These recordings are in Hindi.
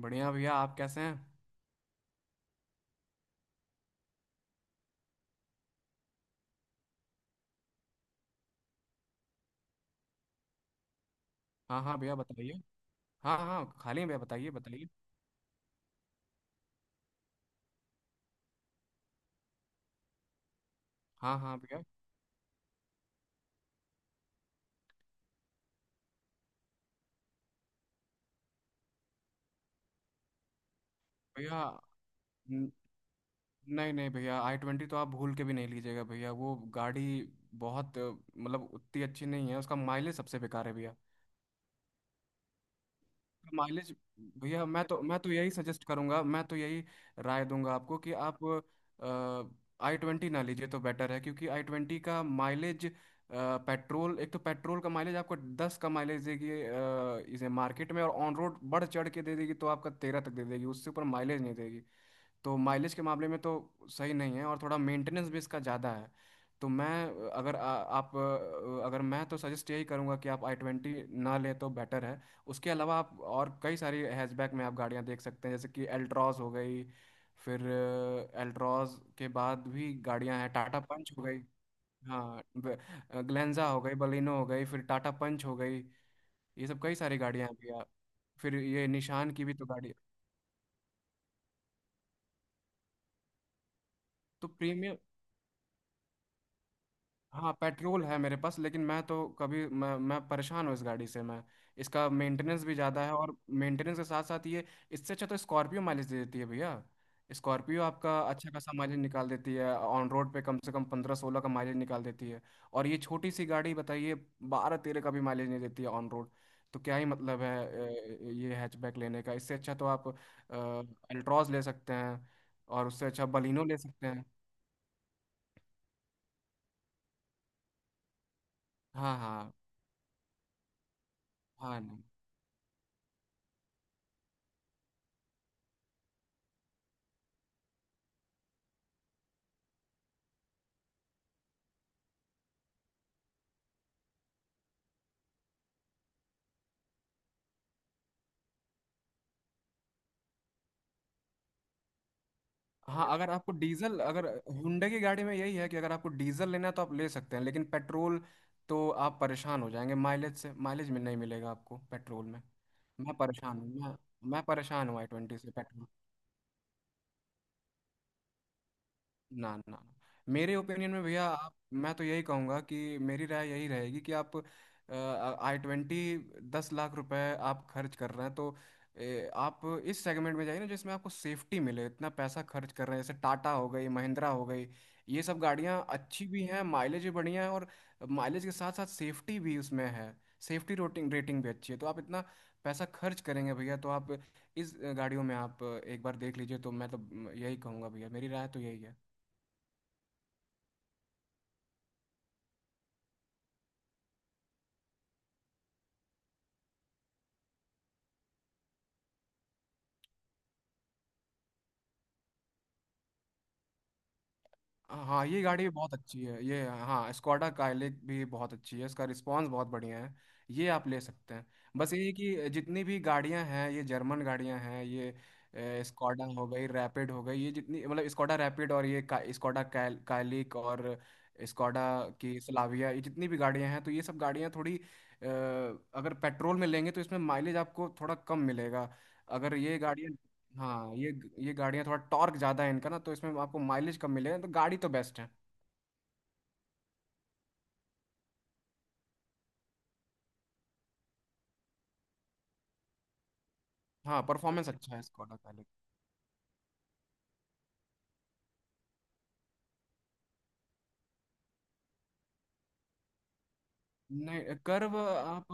बढ़िया भैया। आप कैसे हैं? हाँ हाँ भैया, बताइए। हाँ हाँ, खाली हैं भैया, बताइए बताइए। हाँ हाँ भैया। भैया न- नहीं नहीं भैया, आई ट्वेंटी तो आप भूल के भी नहीं लीजिएगा भैया, वो गाड़ी बहुत मतलब उतनी अच्छी नहीं है। उसका माइलेज सबसे बेकार है भैया। माइलेज, भैया मैं तो यही सजेस्ट करूंगा, मैं तो यही राय दूंगा आपको, कि आप आई ट्वेंटी ना लीजिए तो बेटर है, क्योंकि आई ट्वेंटी का माइलेज, पेट्रोल, एक तो पेट्रोल का माइलेज आपको 10 का माइलेज देगी इसे मार्केट में, और ऑन रोड बढ़ चढ़ के दे देगी तो आपका 13 तक दे देगी, उससे ऊपर माइलेज नहीं देगी। तो माइलेज के मामले में तो सही नहीं है, और थोड़ा मेंटेनेंस भी इसका ज़्यादा है। तो मैं अगर आप अगर, मैं तो सजेस्ट यही करूंगा कि आप आई ट्वेंटी ना लें तो बेटर है। उसके अलावा आप और कई सारी हैचबैक में आप गाड़ियां देख सकते हैं, जैसे कि एल्ट्रॉज हो गई, फिर एल्ट्रॉज के बाद भी गाड़ियां हैं, टाटा पंच हो गई। हाँ ग्लेंजा हो गई, बलिनो हो गई, फिर टाटा पंच हो गई। ये सब कई सारी गाड़ियां हैं भैया। फिर ये निशान की भी तो गाड़ी। तो प्रीमियम, हाँ पेट्रोल है मेरे पास, लेकिन मैं तो कभी, मैं परेशान हूँ इस गाड़ी से। मैं, इसका मेंटेनेंस भी ज़्यादा है, और मेंटेनेंस के साथ साथ ये, इससे अच्छा तो स्कॉर्पियो माइलेज दे देती है भैया। स्कॉर्पियो आपका अच्छा खासा माइलेज निकाल देती है, ऑन रोड पे कम से कम 15-16 का माइलेज निकाल देती है। और ये छोटी सी गाड़ी बताइए, 12-13 का भी माइलेज नहीं देती है ऑन रोड। तो क्या ही मतलब है ये हैचबैक लेने का? इससे अच्छा तो आप अल्ट्रॉज ले सकते हैं, और उससे अच्छा बलिनो ले सकते हैं। हाँ हाँ। हाँ, हाँ अगर आपको डीजल, अगर हुंडई की गाड़ी में यही है कि अगर आपको डीजल लेना है तो आप ले सकते हैं, लेकिन पेट्रोल तो आप परेशान हो जाएंगे माइलेज से, माइलेज में नहीं मिलेगा आपको पेट्रोल में। मैं परेशान हूँ। मैं परेशान हूँ आई ट्वेंटी से। ना ना ना। मेरे ओपिनियन में भैया, आप, मैं तो यही कहूँगा कि मेरी राय यही रहेगी, कि आप आई ट्वेंटी, 10 लाख रुपए आप खर्च कर रहे हैं तो आप इस सेगमेंट में जाइए ना जिसमें आपको सेफ्टी मिले। इतना पैसा खर्च कर रहे हैं, जैसे टाटा हो गई, महिंद्रा हो गई। ये सब गाड़ियाँ अच्छी भी हैं, माइलेज भी बढ़िया है, और माइलेज के साथ साथ सेफ्टी भी उसमें है। सेफ्टी रोटिंग रेटिंग भी अच्छी है। तो आप इतना पैसा खर्च करेंगे भैया, तो आप इस गाड़ियों में आप एक बार देख लीजिए। तो मैं तो यही कहूँगा भैया, मेरी राय तो यही है। हाँ ये गाड़ी भी बहुत अच्छी है। ये, हाँ, स्कॉडा काइलिक भी बहुत अच्छी है, इसका रिस्पांस बहुत बढ़िया है। ये आप ले सकते हैं। बस ये है कि जितनी भी गाड़ियां हैं, ये जर्मन गाड़ियां हैं, ये स्कॉडा हो गई, रैपिड हो गई, ये जितनी, मतलब स्कॉडा रैपिड, और ये स्कॉडा काइलिक और स्कॉडा की स्लाविया, ये जितनी भी गाड़ियां हैं, तो ये सब गाड़ियां थोड़ी अगर पेट्रोल में लेंगे तो इसमें माइलेज आपको थोड़ा कम मिलेगा। अगर ये गाड़ियां, हाँ ये गाड़ियाँ थोड़ा टॉर्क ज़्यादा है इनका ना, तो इसमें आपको माइलेज कम मिलेगा। तो गाड़ी तो बेस्ट है। हाँ परफॉर्मेंस अच्छा है, स्कॉडा पहले। नहीं कर्व, आप,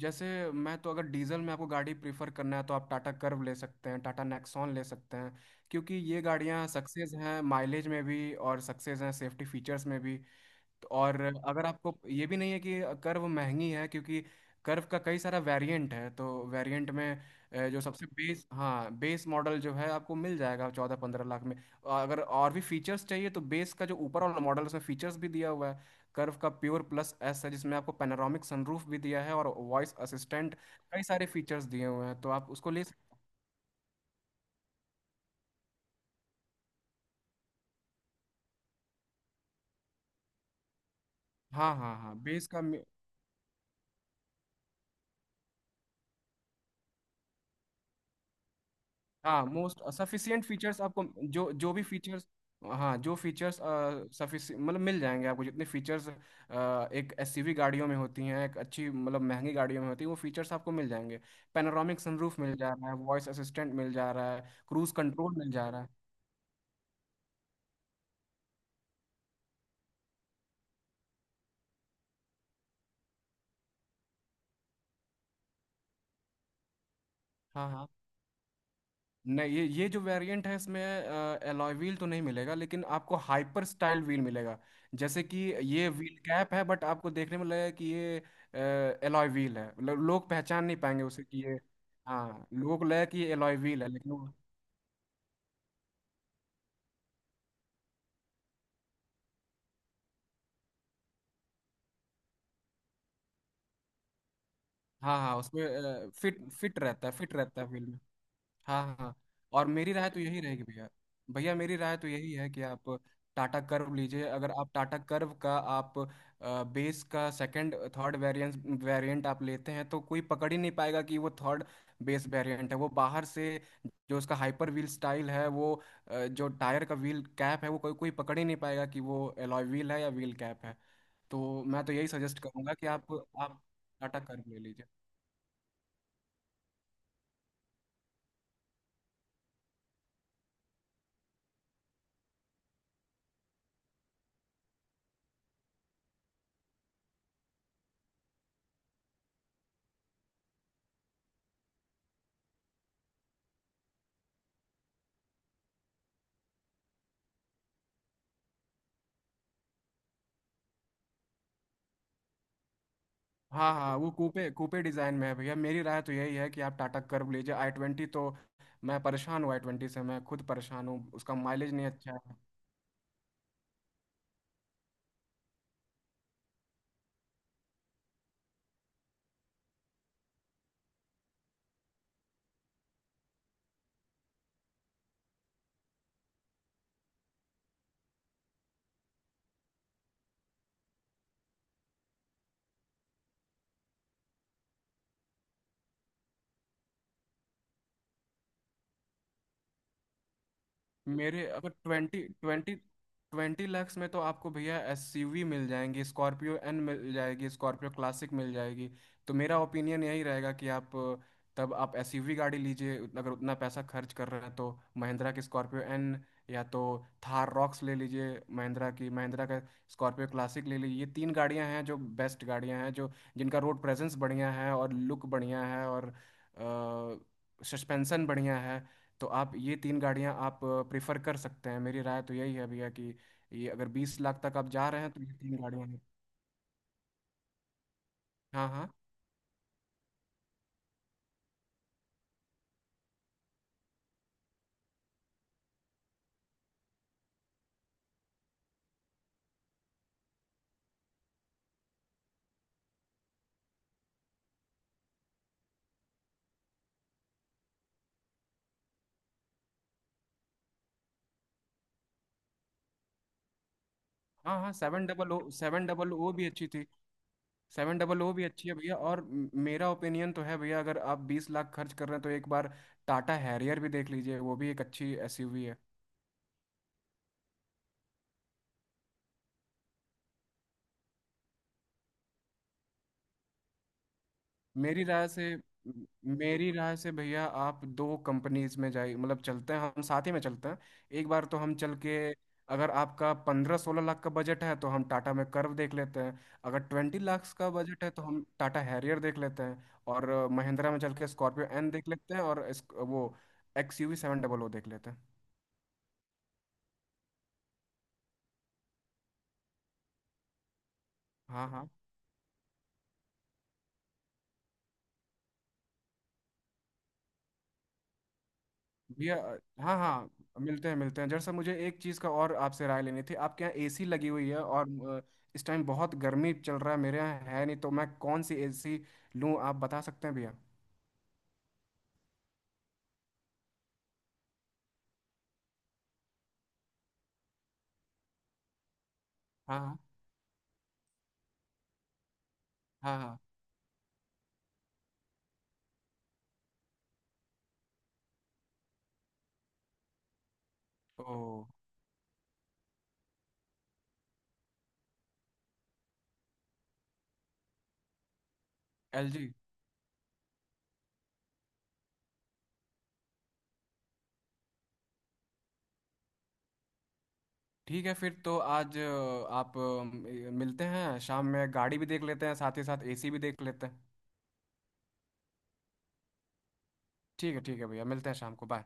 जैसे, मैं तो अगर डीजल में आपको गाड़ी प्रीफर करना है तो आप टाटा कर्व ले सकते हैं, टाटा नेक्सॉन ले सकते हैं, क्योंकि ये गाड़ियाँ सक्सेस हैं माइलेज में भी, और सक्सेस हैं सेफ्टी फीचर्स में भी। और अगर आपको ये भी नहीं है कि कर्व महंगी है, क्योंकि कर्व का कई सारा वेरिएंट है, तो वेरिएंट में जो सबसे बेस, हाँ बेस मॉडल जो है आपको मिल जाएगा 14-15 लाख में। और अगर और भी फीचर्स चाहिए तो बेस का जो ऊपर वाला मॉडल है, उसमें फीचर्स भी दिया हुआ है। कर्व का प्योर प्लस एस है, जिसमें आपको पैनोरामिक सनरूफ भी दिया है, और वॉइस असिस्टेंट, कई सारे फीचर्स दिए हुए हैं। तो आप उसको ले सक- हाँ हाँ हाँ, बेस का। हाँ मोस्ट सफिशियंट फीचर्स आपको, जो जो भी फीचर्स, हाँ जो फीचर्स, सफिशि मतलब मिल जाएंगे आपको। जितने फीचर्स एक एसयूवी गाड़ियों में होती हैं, एक अच्छी मतलब महंगी गाड़ियों में होती है, वो फीचर्स आपको मिल जाएंगे। पैनोरामिक सनरूफ मिल जा रहा है, वॉइस असिस्टेंट मिल जा रहा है, क्रूज कंट्रोल मिल जा रहा है। हाँ हाँ। नहीं, ये जो वेरिएंट है इसमें एलॉय व्हील तो नहीं मिलेगा, लेकिन आपको हाइपर स्टाइल व्हील मिलेगा। जैसे कि ये व्हील कैप है, बट आपको देखने में लगेगा कि ये एलॉय व्हील है। लोग पहचान नहीं पाएंगे उसे कि ये, हाँ लोग लगेगा कि ये एलॉय व्हील है लेकिन वो- हाँ हाँ, उसमें फिट फिट रहता है, फिट रहता है व्हील। हाँ हाँ हाँ। और मेरी राय तो यही रहेगी भैया। भैया मेरी राय तो यही है कि आप टाटा कर्व लीजिए। अगर आप टाटा कर्व का आप बेस का सेकंड थर्ड वेरिएंट, आप लेते हैं तो कोई पकड़ ही नहीं पाएगा कि वो थर्ड बेस वेरिएंट है। वो बाहर से, जो उसका हाइपर व्हील स्टाइल है, वो जो टायर का व्हील कैप है, वो कोई कोई पकड़ ही नहीं पाएगा कि वो एलॉय व्हील है या व्हील कैप है। तो मैं तो यही सजेस्ट करूंगा कि आप, आप टाटा कर्व ले लीजिए। हाँ हाँ, वो कूपे कूपे डिज़ाइन में है भैया, मेरी राय तो यही है कि आप टाटा कर्व लीजिए। आई ट्वेंटी तो, मैं परेशान हूँ आई ट्वेंटी से, मैं खुद परेशान हूँ, उसका माइलेज नहीं अच्छा है। मेरे, अगर ट्वेंटी ट्वेंटी 20 लैक्स में तो आपको भैया एसयूवी मिल जाएंगी, स्कॉर्पियो एन मिल जाएगी, स्कॉर्पियो क्लासिक मिल जाएगी। तो मेरा ओपिनियन यही रहेगा कि आप तब आप एसयूवी गाड़ी लीजिए। अगर उतना पैसा खर्च कर रहे हैं तो महिंद्रा की स्कॉर्पियो एन, या तो थार रॉक्स ले लीजिए महिंद्रा की, महिंद्रा का स्कॉर्पियो क्लासिक ले लीजिए। ये तीन गाड़ियां हैं जो बेस्ट गाड़ियां हैं, जो जिनका रोड प्रेजेंस बढ़िया है और लुक बढ़िया है और सस्पेंशन बढ़िया है। तो आप ये तीन गाड़ियां आप प्रेफर कर सकते हैं। मेरी राय तो यही है भैया कि ये, अगर 20 लाख तक आप जा रहे हैं तो ये तीन गाड़ियां हैं। हाँ हाँ हाँ हाँ 700, 700 भी अच्छी थी। सेवन डबल ओ भी अच्छी है भैया, और मेरा ओपिनियन तो है भैया, अगर आप 20 लाख खर्च कर रहे हैं तो एक बार टाटा हैरियर भी देख लीजिए, वो भी एक अच्छी एसयूवी है। मेरी राय से, मेरी राय से भैया, आप दो कंपनीज में जाइए, मतलब चलते हैं, हम साथ ही में चलते हैं एक बार, तो हम चल के, अगर आपका 15-16 लाख का बजट है तो हम टाटा में कर्व देख लेते हैं। अगर 20 लाख का बजट है तो हम टाटा हैरियर देख लेते हैं, और महिंद्रा में चल के स्कॉर्पियो एन देख लेते हैं, और वो XUV 700 देख लेते हैं। हाँ हाँ भैया। हाँ हाँ, मिलते हैं मिलते हैं। जरा सा मुझे एक चीज़ का और आपसे राय लेनी थी। आपके यहाँ एसी लगी हुई है, और इस टाइम बहुत गर्मी चल रहा है, मेरे यहाँ है नहीं, तो मैं कौन सी एसी लूँ, आप बता सकते हैं भैया? हाँ। हाँ हाँ हाँ। ओ। LG। ठीक है, फिर तो आज आप मिलते हैं शाम में, गाड़ी भी देख लेते हैं साथ ही साथ, एसी भी देख लेते हैं। ठीक है भैया, मिलते हैं शाम को, बाय।